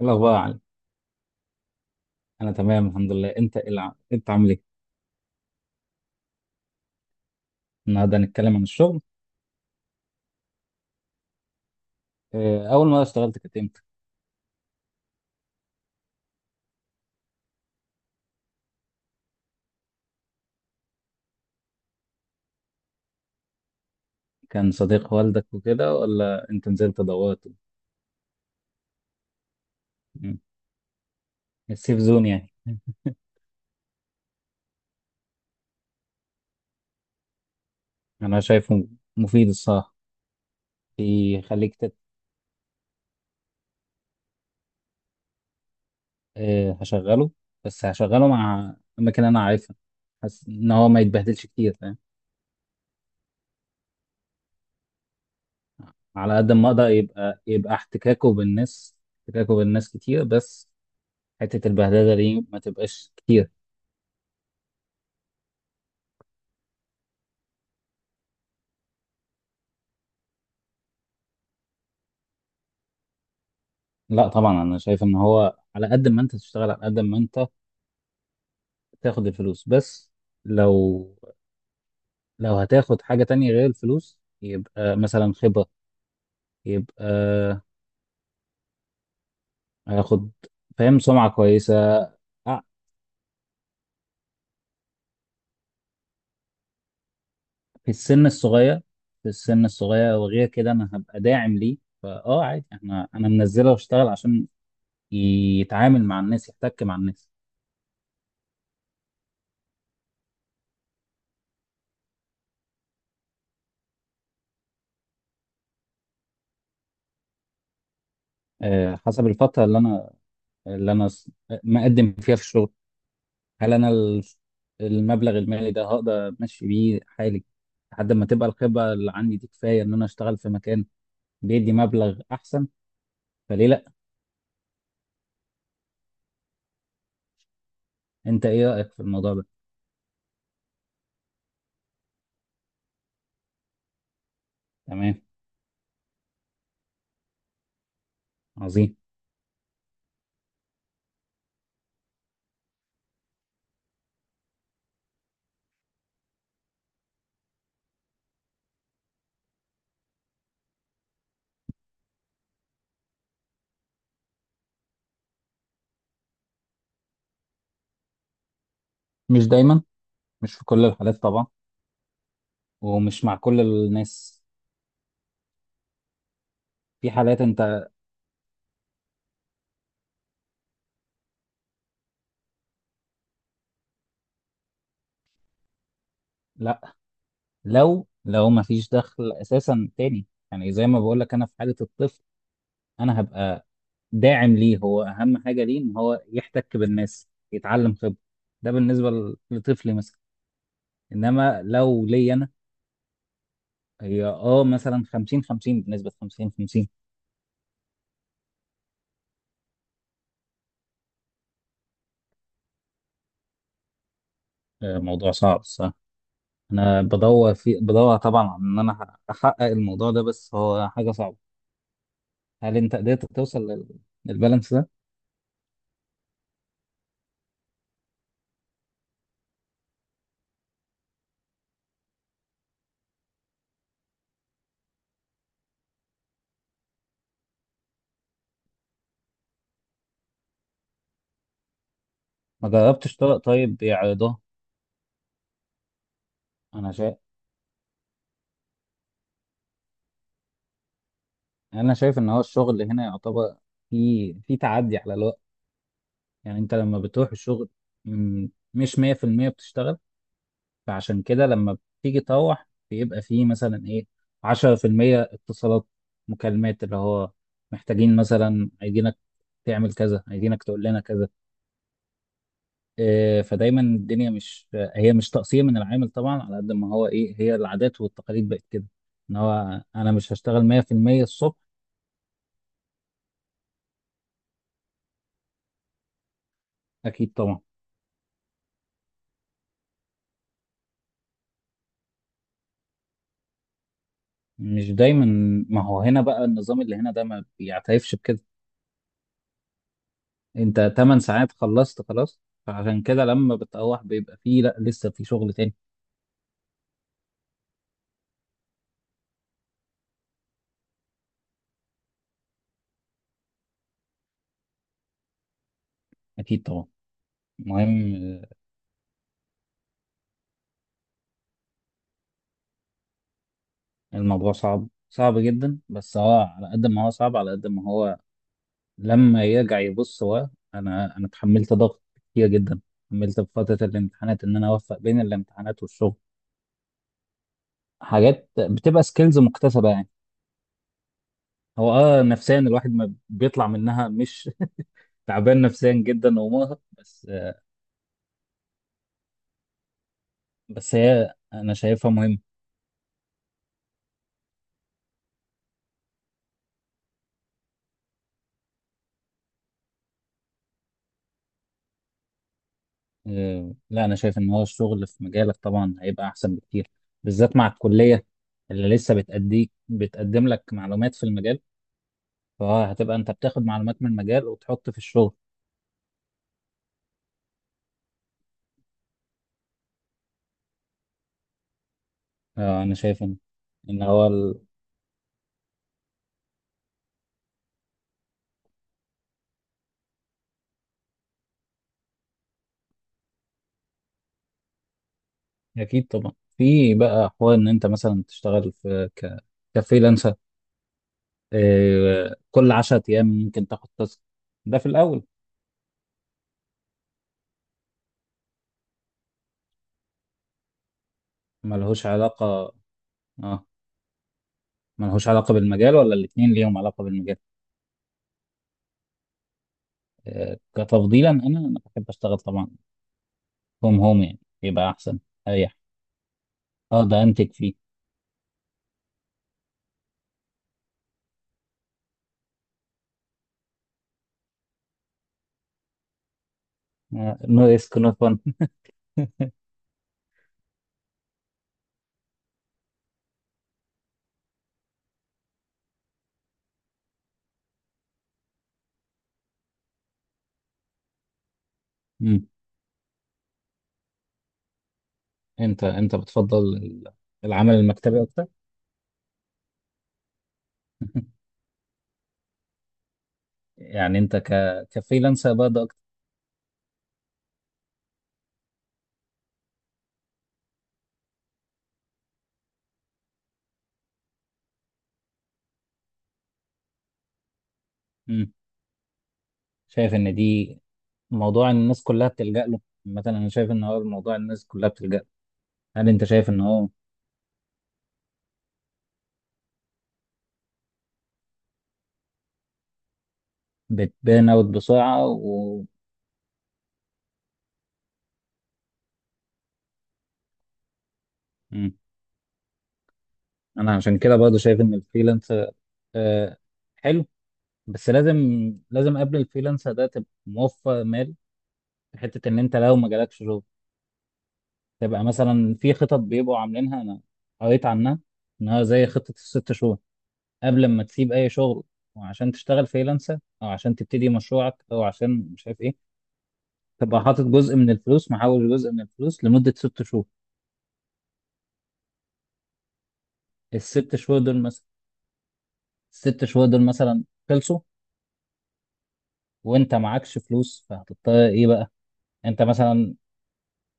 إيه الأخبار يا علي؟ أنا تمام الحمد لله، أنت أنت عامل إيه؟ النهاردة هنتكلم عن الشغل. إيه، أول مرة اشتغلت كانت إمتى؟ كان صديق والدك وكده ولا أنت نزلت دورت؟ مم. السيف زون يعني. أنا شايفه مفيد الصراحة، بيخليك تت... إيه، هشغله، بس هشغله مع أماكن أنا عارفها، حاسس إن هو ما يتبهدلش كتير، فاهم؟ على قد ما أقدر يبقى احتكاكه بالناس كتير، بس حتة البهدلة دي ما تبقاش كتير. لا طبعا انا شايف ان هو على قد ما انت تشتغل على قد ما انت تاخد الفلوس، بس لو لو هتاخد حاجة تانية غير الفلوس يبقى مثلا خبرة، يبقى هاخد، فاهم، سمعة كويسة. آه، في السن الصغير، في السن الصغير وغير كده انا هبقى داعم ليه. فاه، عادي احنا، انا منزله واشتغل عشان يتعامل مع الناس، يحتك مع الناس. آه، حسب الفترة اللي انا اللي انا س- مقدم فيها في الشغل، هل المبلغ المالي ده هقدر امشي بيه حالي لحد ما تبقى الخبره اللي عندي دي كفايه ان انا اشتغل في مكان بيدي مبلغ احسن، فليه لا؟ انت ايه رايك في الموضوع ده؟ تمام. عظيم. مش دايما، مش في كل الحالات طبعا، ومش مع كل الناس. في حالات انت... لا، لو ما فيش دخل اساسا تاني، يعني زي ما بقول لك، انا في حاله الطفل انا هبقى داعم ليه، هو اهم حاجه ليه ان هو يحتك بالناس يتعلم خبره، ده بالنسبه لطفلي مثلا. انما لو ليا انا، هي مثلا 50 50، بنسبه 50 50. آه، موضوع صعب الصراحه. انا بدور بدور طبعا على ان انا احقق الموضوع ده، بس هو حاجه صعبه. هل انت قدرت توصل للبالانس ده؟ ما جربتش طرق طيب يعرضها. انا شايف... ان هو الشغل هنا يعتبر في تعدي على الوقت. يعني انت لما بتروح الشغل، م- مش 100% بتشتغل، فعشان كده لما بتيجي تروح بيبقى فيه مثلا ايه، 10% اتصالات، مكالمات، اللي هو محتاجين مثلا، عايزينك تعمل كذا، عايزينك تقول لنا كذا. إيه، فدايما الدنيا مش... هي مش تقصير من العامل طبعا، على قد ما هو ايه، هي العادات والتقاليد بقت كده، ان هو انا مش هشتغل 100% الصبح. اكيد طبعا. مش دايما. ما هو هنا بقى النظام اللي هنا ده ما بيعترفش بكده، انت 8 ساعات خلصت خلاص، فعشان كده لما بتروح بيبقى فيه، لا، لسه في شغل تاني. أكيد طبعا. المهم الموضوع صعب، صعب جدا، بس هو على قد ما هو صعب على قد ما هو لما يرجع يبص هو... أنا اتحملت ضغط كتير جدا، اتحملت في فترة الامتحانات إن أنا أوفق بين الامتحانات والشغل، حاجات بتبقى سكيلز مكتسبة يعني. هو نفسيا الواحد ما بيطلع منها، مش تعبان نفسيا جدا ومرهق، بس آه. بس هي أنا شايفها مهمة. آه، لا انا شايف ان هو الشغل في مجالك طبعا هيبقى احسن بكتير، بالذات مع الكليه اللي لسه بتأديك بتقدم لك معلومات في المجال، فهتبقى انت بتاخد معلومات من المجال وتحط في الشغل. آه، انا شايف ان اكيد طبعا في بقى حوار ان انت مثلا تشتغل في كفريلانسر. آه، كل 10 ايام ممكن تاخد تاسك، ده في الاول. ملهوش علاقه. اه، ملهوش علاقه بالمجال ولا الاتنين ليهم علاقه بالمجال؟ آه، كتفضيلا انا بحب اشتغل طبعا، هوم هوم يعني يبقى احسن، اريح. اه، ده انتك فيه. نو ريسك نو فن. انت بتفضل العمل المكتبي اكتر؟ يعني انت كفريلانسر برضه اكتر؟ مم. شايف ان دي موضوع إن الناس كلها بتلجأ له، مثلا انا شايف ان هو موضوع الناس كلها بتلجأ له. هل انت شايف ان هو بتبان اوت بسرعه و... مم. انا عشان كده برضه شايف ان الفريلانسر آه حلو، بس لازم، لازم قبل الفريلانسر ده تبقى موفر مال، في حته ان انت لو ما جالكش شغل تبقى مثلا في خطط بيبقوا عاملينها، انا قريت عنها، انها زي خطة الست شهور قبل ما تسيب اي شغل، وعشان تشتغل فريلانسر او عشان تبتدي مشروعك او عشان مش عارف ايه، تبقى حاطط جزء من الفلوس، محول جزء من الفلوس لمدة 6 شهور. الست شهور دول مثلا، الست شهور دول مثلا خلصوا وانت معكش فلوس، فهتضطر ايه بقى؟ انت مثلا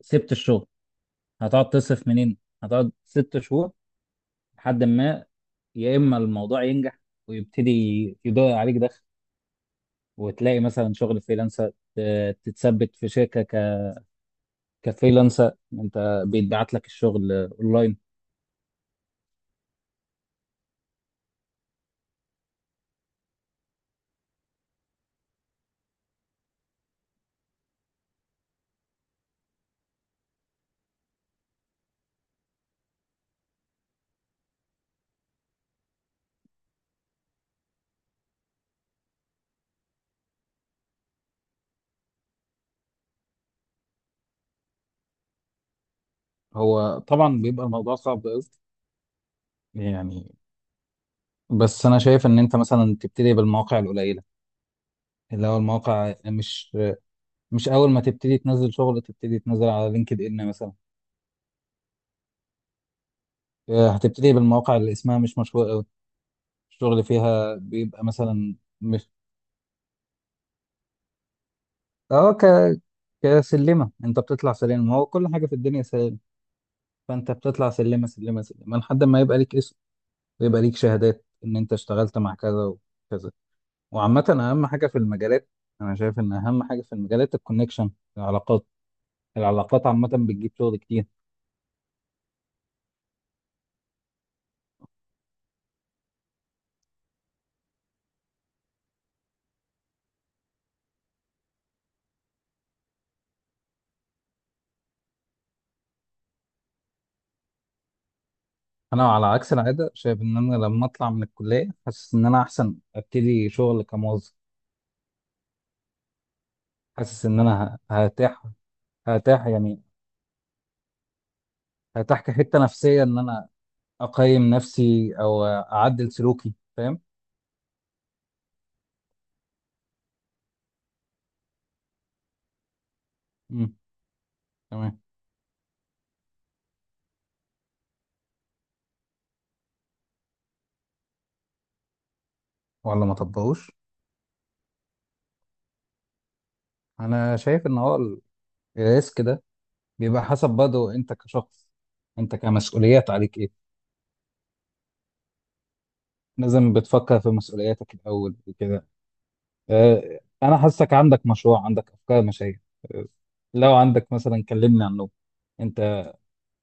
سبت الشغل، هتقعد تصرف منين؟ هتقعد 6 شهور لحد ما، يا اما الموضوع ينجح ويبتدي يدور عليك دخل، وتلاقي مثلا شغل فريلانسر، تتثبت في شركه كفريلانسر، انت بيتبعت لك الشغل اونلاين. هو طبعا بيبقى الموضوع صعب قوي يعني، بس انا شايف ان انت مثلا تبتدي بالمواقع القليله، اللي هو المواقع مش... مش اول ما تبتدي تنزل شغل تبتدي تنزل على لينكد ان مثلا. آه، هتبتدي بالمواقع اللي اسمها مش مشهوره قوي، الشغل فيها بيبقى مثلا مش... اه، كسلمه، انت بتطلع سلم، هو كل حاجه في الدنيا سلم، فانت بتطلع سلمه سلمه سلمه لحد ما يبقى ليك اسم، ويبقى ليك شهادات ان انت اشتغلت مع كذا وكذا. وعامه اهم حاجه في المجالات، انا شايف ان اهم حاجه في المجالات الكونكشن، العلاقات، العلاقات عامه بتجيب شغل كتير. انا على عكس العاده شايف ان انا لما اطلع من الكليه حاسس ان انا احسن ابتدي شغل كموظف. حاسس ان انا هرتاح، هرتاح يعني، هرتاح كحته نفسيه، ان انا اقيم نفسي او اعدل سلوكي، فاهم؟ امم تمام. ولا ما طبقوش. انا شايف ان هو الريسك ده بيبقى حسب برضه انت كشخص، انت كمسؤوليات عليك ايه. لازم بتفكر في مسؤولياتك الاول وكده. آه، انا حاسك عندك مشروع، عندك افكار مشاريع. آه، لو عندك مثلا كلمني عنه. انت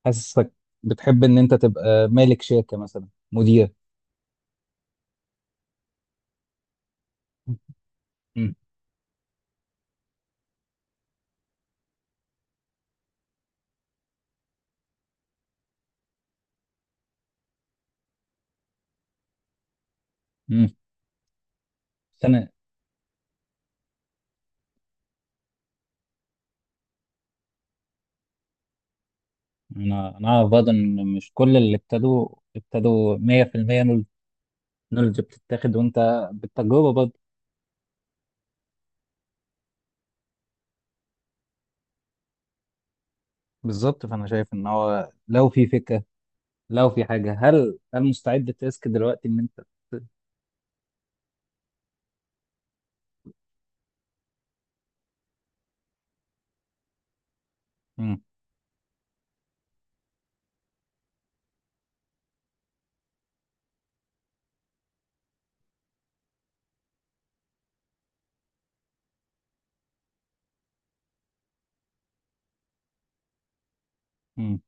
حاسسك بتحب ان انت تبقى مالك شركة مثلا، مدير؟ مم. مم. بس انا اعرف برضه ان مش كل اللي ابتدوا 100% نولج، نولج بتتاخد وانت بالتجربه برضه. بالظبط، فانا شايف ان هو لو في فكرة، لو في حاجة، هل مستعد تسك دلوقتي ان انت... مم. مم.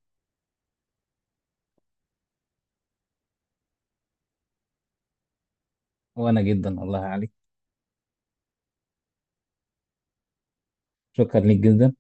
وانا جدا والله عليك. شكرا ليك جدا.